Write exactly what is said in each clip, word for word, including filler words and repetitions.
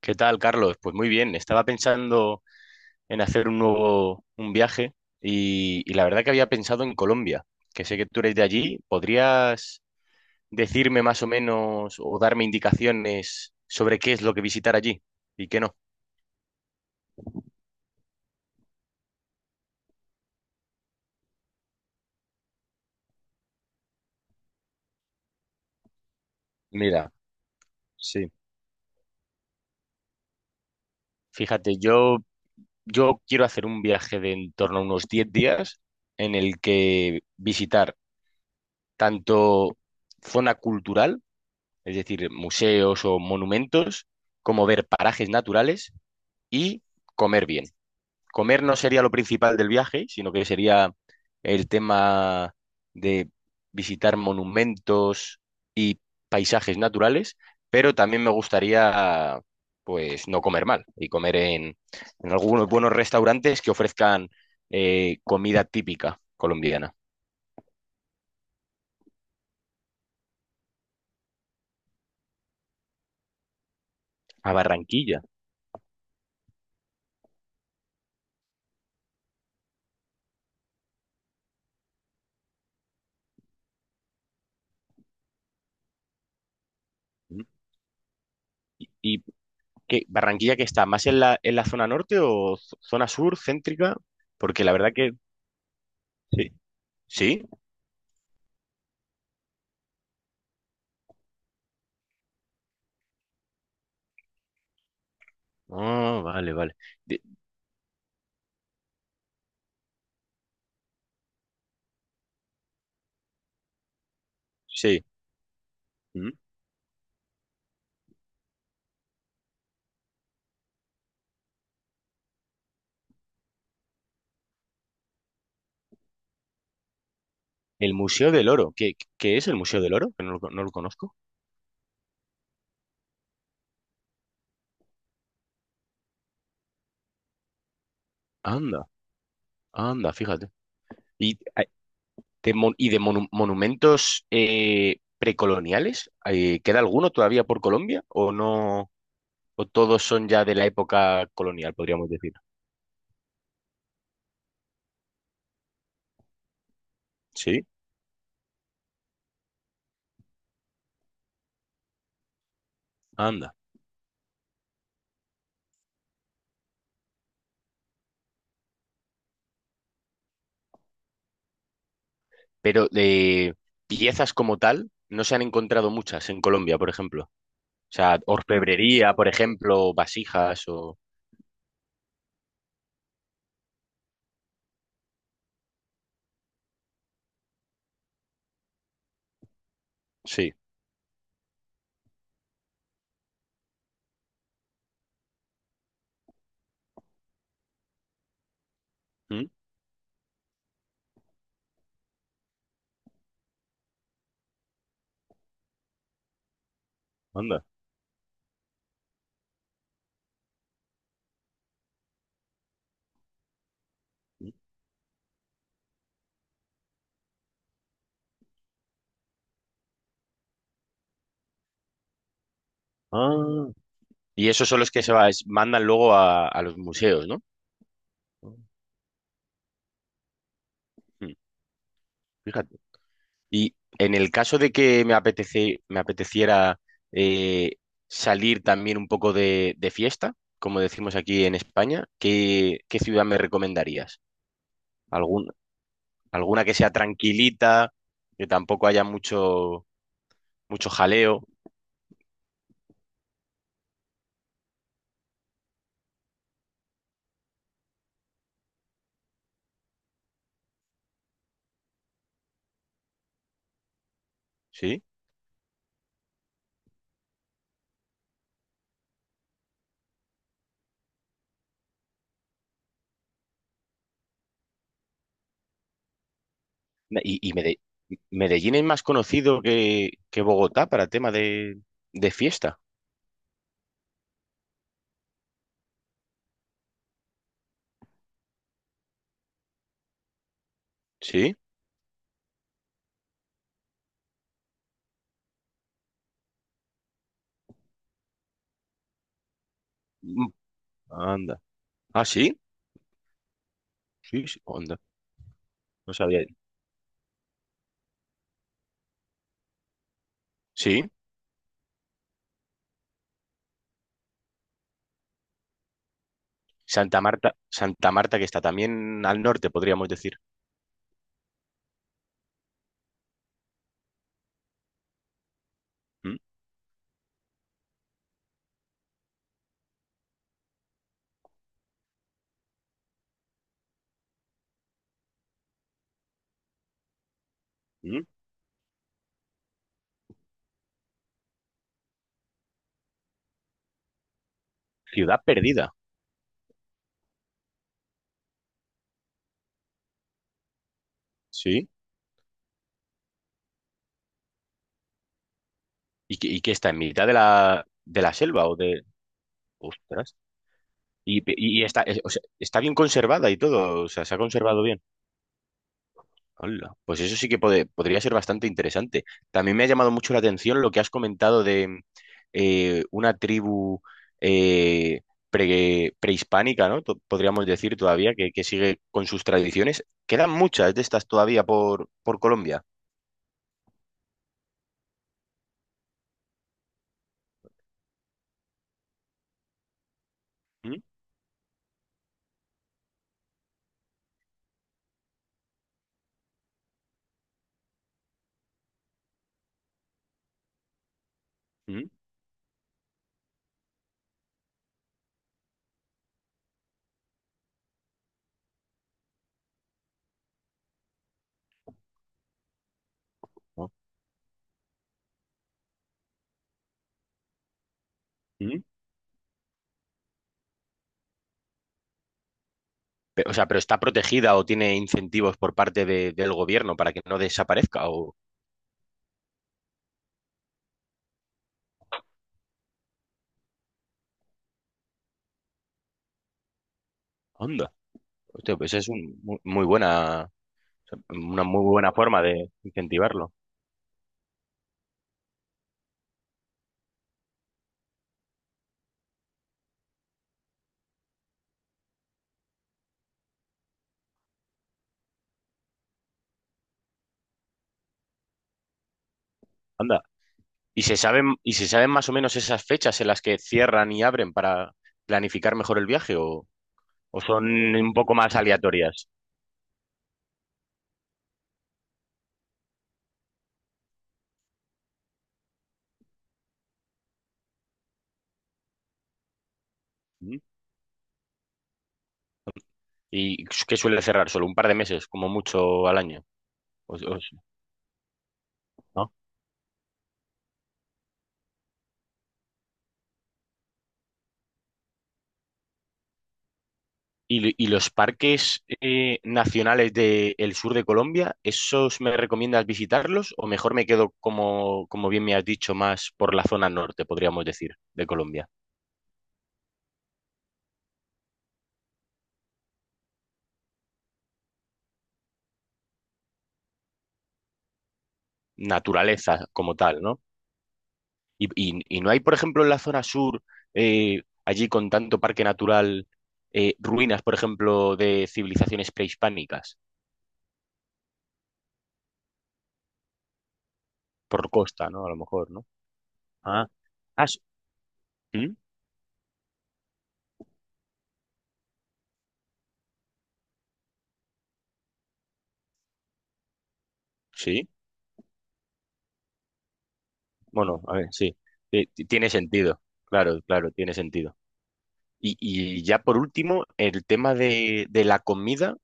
¿Qué tal, Carlos? Pues muy bien, estaba pensando en hacer un nuevo un viaje y, y la verdad que había pensado en Colombia, que sé que tú eres de allí. ¿Podrías decirme más o menos o darme indicaciones sobre qué es lo que visitar allí y qué no? Mira, sí, Fíjate, yo, yo quiero hacer un viaje de en torno a unos diez días en el que visitar tanto zona cultural, es decir, museos o monumentos, como ver parajes naturales y comer bien. Comer no sería lo principal del viaje, sino que sería el tema de visitar monumentos y paisajes naturales, pero también me gustaría, pues, no comer mal y comer en, en algunos buenos restaurantes que ofrezcan eh, comida típica colombiana. A Barranquilla. Mm. ¿Y qué, Barranquilla que está? ¿Más en la, en la zona norte o z- zona sur, céntrica? Porque la verdad que... Sí. ¿Sí? Ah, vale, vale. Di- sí. ¿Mm? El Museo del Oro. ¿Qué, qué es el Museo del Oro? Que no lo, co- no lo conozco. Anda, anda, fíjate. ¿Y a- ¿De, mon- y de monu- monumentos eh, precoloniales? Eh, ¿queda alguno todavía por Colombia? ¿O no? ¿O todos son ya de la época colonial, podríamos decir? Sí, anda. Pero de piezas como tal, no se han encontrado muchas en Colombia, por ejemplo. O sea, orfebrería, por ejemplo, vasijas o... Sí. ¿Mm? Anda. Ah, y esos son los que se va- es- mandan luego a, a los museos, ¿no? Mm, fíjate. Y en el caso de que me apetece, me apeteciera eh, salir también un poco de, de fiesta, como decimos aquí en España, ¿qué, qué ciudad me recomendarías? ¿Algún, alguna que sea tranquilita, que tampoco haya mucho, mucho jaleo, ¿sí? Y, y Mede- Medellín es más conocido que, que Bogotá para tema de, de fiesta, ¿sí? Anda. Ah, sí, sí, sí, onda. No sabía. Sí, Santa Marta, Santa Marta que está también al norte, podríamos decir. Mm, mm. Ciudad perdida, sí. ¿Y que, y que está en mitad de la, de la selva o de... Ostras. Y, y- y está, es- o sea, está bien conservada y todo, o sea, se ha conservado bien. Hola, pues eso sí que pode- podría ser bastante interesante. También me ha llamado mucho la atención lo que has comentado de eh, una tribu eh, pre- prehispánica, ¿no? To- podríamos decir todavía, que, que sigue con sus tradiciones. Quedan muchas de estas todavía por, por Colombia. ¿Mm? ¿Mm? ¿No? ¿Mm? Pe- O sea, pero está protegida o tiene incentivos por parte de- del gobierno para que no desaparezca o anda. Hostia, pues es un, mu- muy buena, una muy buena forma de incentivarlo. Anda. ¿Y se saben, y se saben más o menos esas fechas en las que cierran y abren para planificar mejor el viaje o, o son un poco más aleatorias? ¿Mm? ¿Y qué suele cerrar? ¿Solo un par de meses, como mucho al año? O- o- ¿No? ¿Y, y los parques eh, nacionales del sur de Colombia, esos me recomiendas visitarlos o mejor me quedo, como, como bien me has dicho, más por la zona norte, podríamos decir, de Colombia? Naturaleza como tal, ¿no? Y, y- y no hay, por ejemplo, en la zona sur, eh, allí con tanto parque natural, eh, ruinas, por ejemplo, de civilizaciones prehispánicas, por costa, ¿no? A lo mejor, ¿no? Ah, ah, s- ¿mm? Sí, bueno, a ver, sí. Eh, t- tiene sentido, claro, claro, tiene sentido. Y, y ya por último, el tema de, de la comida,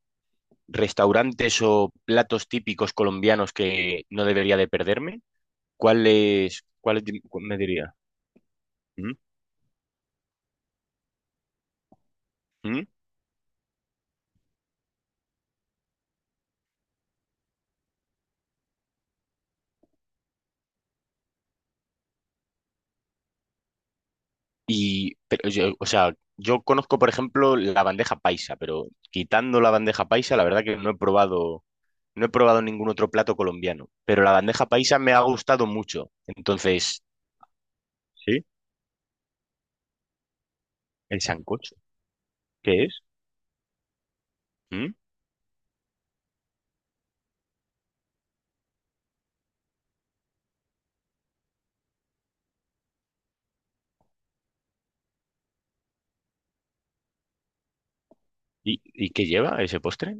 restaurantes o platos típicos colombianos que no debería de perderme, ¿cuáles, cuáles di- cu- me diría? ¿Mm? ¿Mm? Y, pero yo, o sea, yo conozco, por ejemplo, la bandeja paisa, pero quitando la bandeja paisa, la verdad que no he probado, no he probado ningún otro plato colombiano. Pero la bandeja paisa me ha gustado mucho. Entonces, sí, el sancocho. ¿Qué es? ¿Mm? ¿Y, y qué lleva ese postre?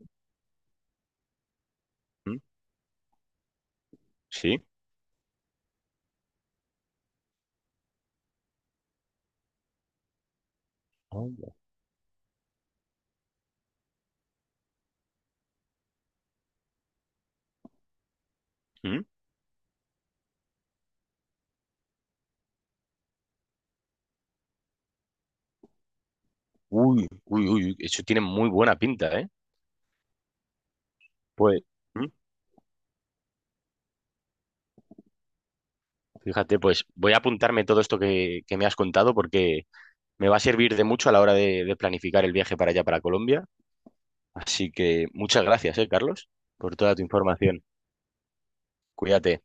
¿Mm? Sí. Anda. ¿Mm? Uy, uy, uy, uy, eso tiene muy buena pinta, ¿eh? Pues, ¿mm? Fíjate, pues voy a apuntarme todo esto que, que me has contado porque me va a servir de mucho a la hora de de planificar el viaje para allá, para Colombia. Así que muchas gracias, eh, Carlos, por toda tu información. Cuídate.